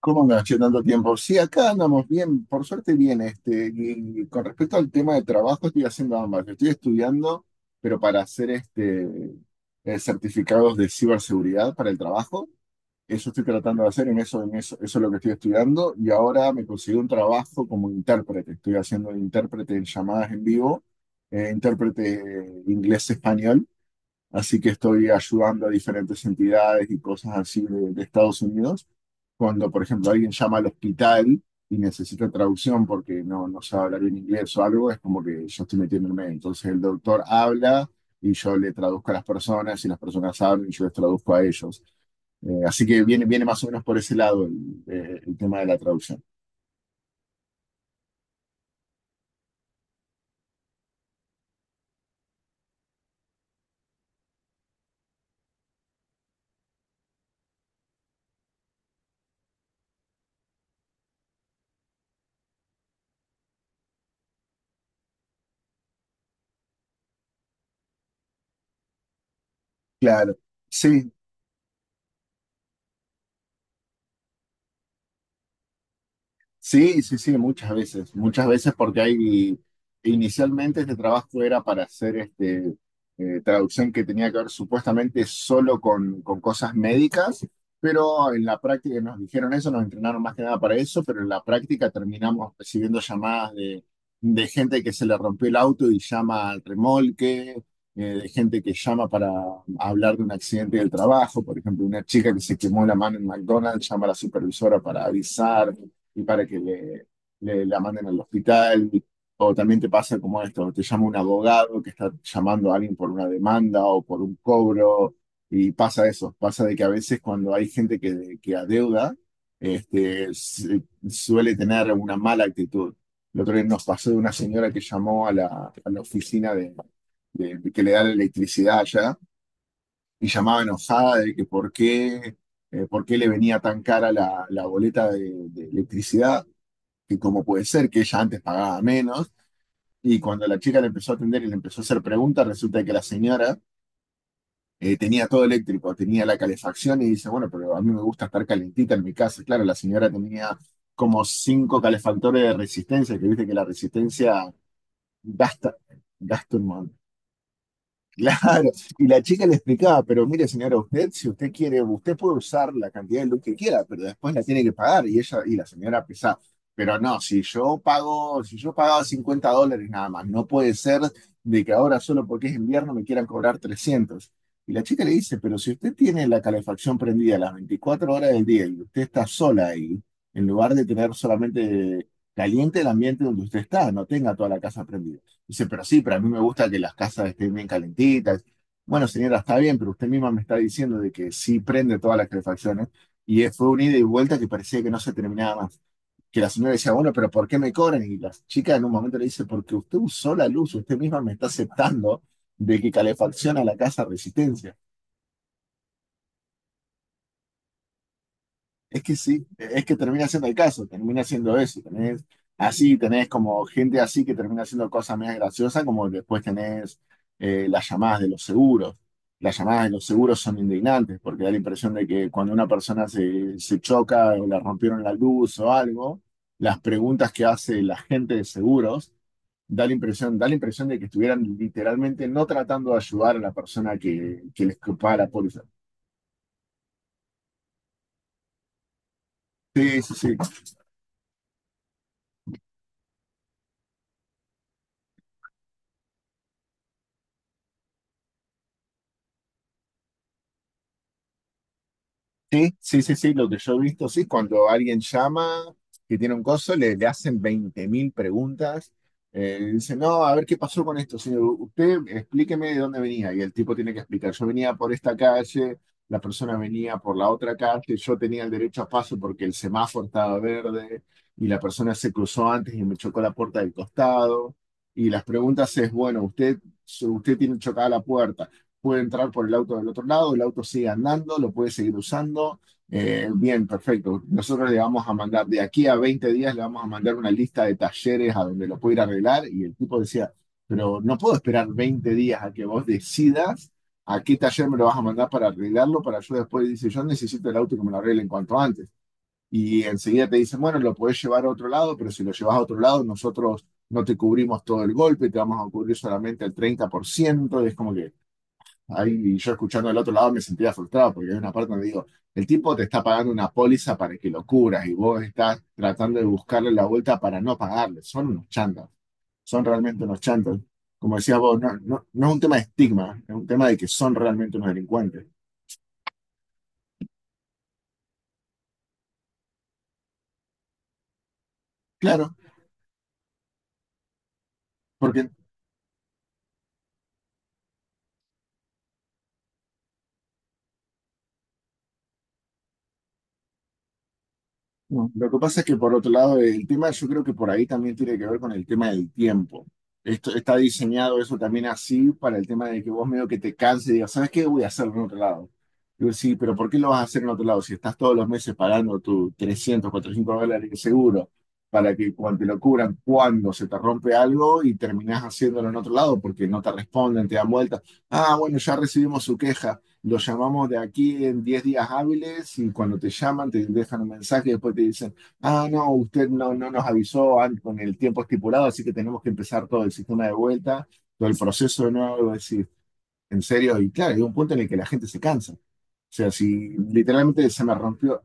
¿Cómo andas, che, tanto tiempo? Sí, acá andamos bien, por suerte bien. Y con respecto al tema de trabajo, estoy haciendo ambas. Estoy estudiando, pero para hacer certificados de ciberseguridad para el trabajo. Eso estoy tratando de hacer, eso es lo que estoy estudiando. Y ahora me conseguí un trabajo como intérprete. Estoy haciendo de intérprete en llamadas en vivo, intérprete inglés-español. Así que estoy ayudando a diferentes entidades y cosas así de Estados Unidos. Cuando, por ejemplo, alguien llama al hospital y necesita traducción porque no sabe hablar bien inglés o algo, es como que yo estoy metiéndome. Entonces el doctor habla y yo le traduzco a las personas y las personas hablan y yo les traduzco a ellos. Así que viene más o menos por ese lado el tema de la traducción. Claro, sí, sí, sí, sí, muchas veces porque hay, inicialmente este trabajo era para hacer traducción que tenía que ver supuestamente solo con cosas médicas, pero en la práctica nos dijeron eso, nos entrenaron más que nada para eso, pero en la práctica terminamos recibiendo llamadas de gente que se le rompió el auto y llama al remolque, de gente que llama para hablar de un accidente del trabajo, por ejemplo, una chica que se quemó la mano en McDonald's llama a la supervisora para avisar y para que la manden al hospital. O también te pasa como esto, te llama un abogado que está llamando a alguien por una demanda o por un cobro, y pasa eso, pasa de que a veces cuando hay gente que adeuda, este, se- suele tener una mala actitud. El otro día nos pasó de una señora que llamó a la oficina de que le da la electricidad allá, y llamaba enojada de que por qué le venía tan cara la boleta de electricidad, que cómo puede ser que ella antes pagaba menos. Y cuando la chica le empezó a atender y le empezó a hacer preguntas, resulta que la señora tenía todo eléctrico, tenía la calefacción y dice, bueno, pero a mí me gusta estar calentita en mi casa. Claro, la señora tenía como cinco calefactores de resistencia, que viste que la resistencia gasta, gasta un montón. Claro, y la chica le explicaba, pero mire señora, usted si usted quiere, usted puede usar la cantidad de luz que quiera, pero después la tiene que pagar, y ella y la señora pesaba, pero no, si yo pago, si yo pagaba $50 nada más, no puede ser de que ahora solo porque es invierno me quieran cobrar 300. Y la chica le dice, pero si usted tiene la calefacción prendida las 24 horas del día y usted está sola ahí, en lugar de tener solamente caliente el ambiente donde usted está, no tenga toda la casa prendida. Dice, pero sí, pero a mí me gusta que las casas estén bien calentitas. Bueno, señora, está bien, pero usted misma me está diciendo de que sí prende todas las calefacciones. Fue un ida y vuelta que parecía que no se terminaba más. Que la señora decía, bueno, pero ¿por qué me cobran? Y la chica en un momento le dice, porque usted usó la luz, usted misma me está aceptando de que calefacciona la casa a resistencia. Es que sí, es que termina siendo el caso, termina siendo eso. Tenés, así tenés como gente así que termina haciendo cosas más graciosas, como después tenés las llamadas de los seguros. Las llamadas de los seguros son indignantes porque da la impresión de que cuando una persona se choca o le rompieron la luz o algo, las preguntas que hace la gente de seguros da la impresión de que estuvieran literalmente no tratando de ayudar a la persona que les escapaba la póliza. Sí, sí, sí, sí, sí, sí, sí, lo que yo he visto, sí, cuando alguien llama, que tiene un coso, le hacen 20.000 preguntas. Dice, no, a ver qué pasó con esto, señor. Usted explíqueme de dónde venía. Y el tipo tiene que explicar. Yo venía por esta calle, la persona venía por la otra calle, yo tenía el derecho a paso porque el semáforo estaba verde y la persona se cruzó antes y me chocó la puerta del costado. Y las preguntas es, bueno, usted tiene chocada la puerta, puede entrar por el auto del otro lado, el auto sigue andando, lo puede seguir usando. Bien, perfecto. Nosotros le vamos a mandar, de aquí a 20 días, le vamos a mandar una lista de talleres a donde lo puede ir a arreglar. Y el tipo decía, pero no puedo esperar 20 días a que vos decidas a qué taller me lo vas a mandar para arreglarlo, para yo después dice, yo necesito el auto, que me lo arreglen cuanto antes. Y enseguida te dicen, bueno, lo podés llevar a otro lado, pero si lo llevas a otro lado, nosotros no te cubrimos todo el golpe, te vamos a cubrir solamente el 30%. Y es como que ahí yo escuchando del otro lado me sentía frustrado porque hay una parte donde digo, el tipo te está pagando una póliza para que lo curas y vos estás tratando de buscarle la vuelta para no pagarle. Son unos chantas, son realmente unos chantas. Como decías vos, no, no, no es un tema de estigma, es un tema de que son realmente unos delincuentes. Claro, porque no, lo que pasa es que por otro lado, el tema yo creo que por ahí también tiene que ver con el tema del tiempo. Esto está diseñado eso también así para el tema de que vos medio que te canses y digas, ¿sabes qué? Voy a hacerlo en otro lado. Digo, sí, pero ¿por qué lo vas a hacer en otro lado si estás todos los meses pagando tus $300, $400 de seguro para que cuando te lo cubran, cuando se te rompe algo y terminás haciéndolo en otro lado porque no te responden, te dan vueltas? Ah, bueno, ya recibimos su queja. Los llamamos de aquí en 10 días hábiles, y cuando te llaman te dejan un mensaje y después te dicen, ah, no, usted no nos avisó con el tiempo estipulado, así que tenemos que empezar todo el sistema de vuelta, todo el proceso de nuevo, decir, en serio, y claro, hay un punto en el que la gente se cansa. O sea, si literalmente se me rompió,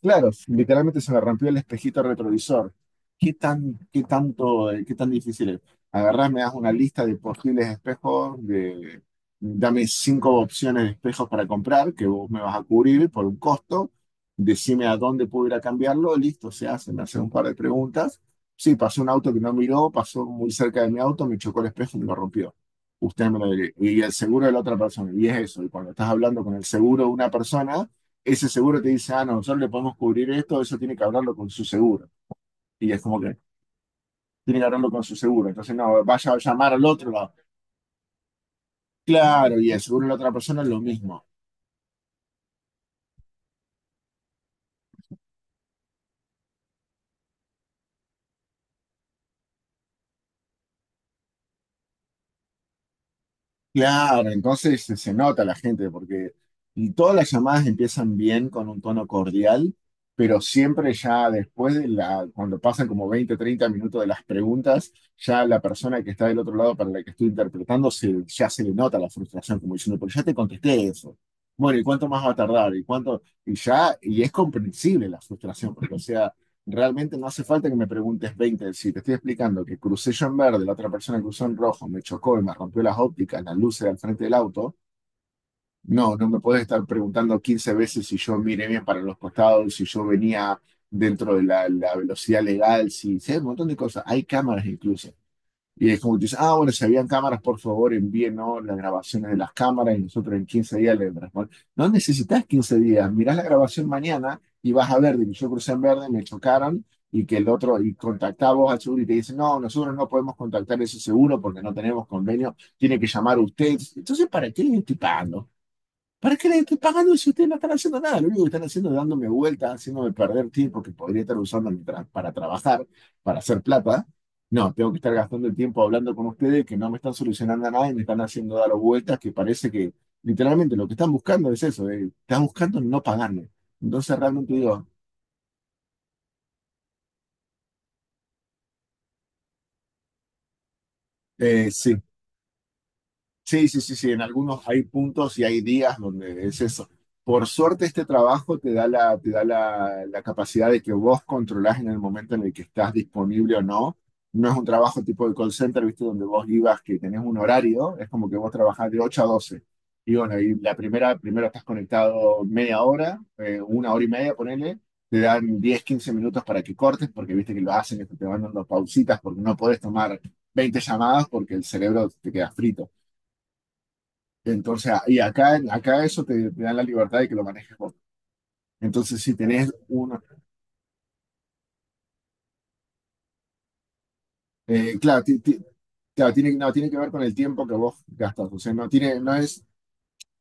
claro, literalmente se me rompió el espejito retrovisor. ¿Qué tan difícil es? Agarrás, me das una lista de posibles espejos, de, dame cinco opciones de espejos para comprar, que vos me vas a cubrir por un costo, decime a dónde puedo ir a cambiarlo, listo, se hace, me hace un par de preguntas. Sí, pasó un auto que no miró, pasó muy cerca de mi auto, me chocó el espejo y me lo rompió, usted me lo y el seguro de la otra persona. Y es eso, y cuando estás hablando con el seguro de una persona, ese seguro te dice, ah, no, nosotros le podemos cubrir esto, eso tiene que hablarlo con su seguro. Y es como que tiene que hablarlo con su seguro. Entonces, no, vaya a llamar al otro lado. Claro, y el seguro de la otra persona es lo mismo. Claro, entonces se nota la gente, porque y todas las llamadas empiezan bien con un tono cordial, pero siempre ya después de la, cuando pasan como 20, 30 minutos de las preguntas, ya la persona que está del otro lado para la que estoy interpretando, se, ya se le nota la frustración, como diciendo, pero ya te contesté eso. Bueno, ¿y cuánto más va a tardar? ¿Y cuánto? Y ya, y es comprensible la frustración, porque o sea, realmente no hace falta que me preguntes 20. Si te estoy explicando que crucé yo en verde, la otra persona cruzó en rojo, me chocó y me rompió las ópticas, las luces al frente del auto, no, no me puedes estar preguntando 15 veces si yo miré bien para los costados, si yo venía dentro de la velocidad legal, si, si hay un montón de cosas. Hay cámaras incluso. Y es como que dice, ah, bueno, si habían cámaras, por favor, envíenos las grabaciones de las cámaras y nosotros en 15 días le respondemos. No necesitas 15 días, mirás la grabación mañana y vas a ver de que yo crucé en verde, me chocaron y que el otro, y contactamos al seguro y te dicen, no, nosotros no podemos contactar ese seguro porque no tenemos convenio, tiene que llamar usted. Entonces, ¿para qué le estoy pagando? ¿Para qué le estoy pagando si ustedes no están haciendo nada? Lo único que están haciendo es dándome vueltas, haciéndome perder tiempo que podría estar usando para trabajar, para hacer plata. No, tengo que estar gastando el tiempo hablando con ustedes que no me están solucionando nada y me están haciendo dar vueltas que parece que literalmente lo que están buscando es eso, están buscando no pagarme. Entonces realmente digo, sí, sí, sí, sí, sí, en algunos hay puntos y hay días donde es eso. Por suerte este trabajo la capacidad de que vos controlás en el momento en el que estás disponible o no. No es un trabajo tipo de call center, ¿viste? Donde vos ibas que tenés un horario, es como que vos trabajás de 8 a 12. Y bueno, y primero estás conectado media hora, una hora y media, ponele, te dan 10, 15 minutos para que cortes, porque viste que lo hacen, es que te van dando pausitas, porque no podés tomar 20 llamadas porque el cerebro te queda frito. Entonces, acá eso te da la libertad de que lo manejes vos. Entonces, si tenés uno, claro, claro, tiene, no, tiene que ver con el tiempo que vos gastas. O sea, no tiene, no es,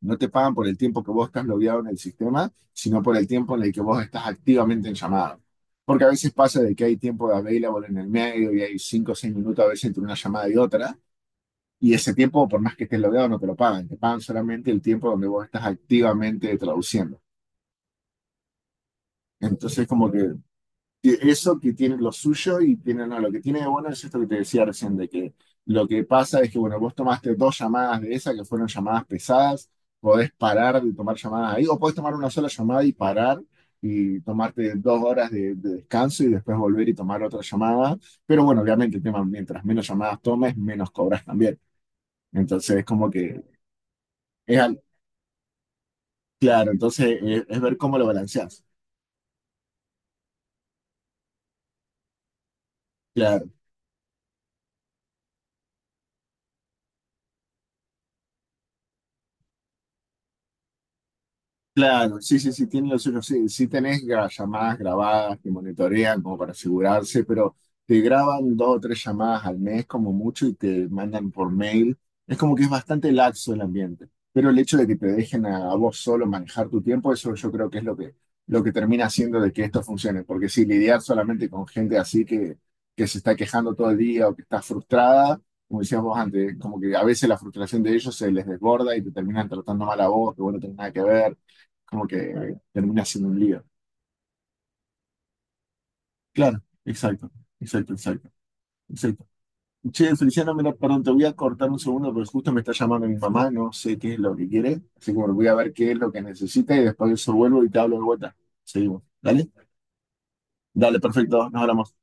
no te pagan por el tiempo que vos estás logueado en el sistema, sino por el tiempo en el que vos estás activamente en llamada. Porque a veces pasa de que hay tiempo de available en el medio y hay 5 o 6 minutos a veces entre una llamada y otra. Y ese tiempo, por más que estés logueado, no te lo pagan. Te pagan solamente el tiempo donde vos estás activamente traduciendo. Entonces, como que eso que tiene lo suyo y tiene, no, lo que tiene de bueno es esto que te decía recién, de que lo que pasa es que, bueno, vos tomaste dos llamadas de esas que fueron llamadas pesadas, podés parar de tomar llamadas ahí, o podés tomar una sola llamada y parar y tomarte 2 horas de descanso y después volver y tomar otra llamada. Pero bueno, obviamente el tema, mientras menos llamadas tomes, menos cobras también. Entonces es como que, es al- claro, entonces es ver cómo lo balanceás. Claro, claro, sí, sí, sí. Tienen los suyo, sí, sí tenés llamadas grabadas que monitorean como para asegurarse, pero te graban dos o tres llamadas al mes como mucho y te mandan por mail. Es como que es bastante laxo el ambiente, pero el hecho de que te dejen a vos solo manejar tu tiempo, eso yo creo que es lo que termina haciendo de que esto funcione, porque si lidiar solamente con gente así que se está quejando todo el día o que está frustrada, como decíamos antes, como que a veces la frustración de ellos se les desborda y te terminan tratando mal a vos, que vos no tenés nada que ver, como que termina siendo un lío. Claro, exacto, exacto, exacto, exacto. Che, Feliciano, mira, perdón, te voy a cortar un segundo porque justo me está llamando mi mamá, no sé qué es lo que quiere, así que bueno, voy a ver qué es lo que necesita y después de eso vuelvo y te hablo de vuelta. Seguimos, ¿dale? Dale, perfecto, nos hablamos.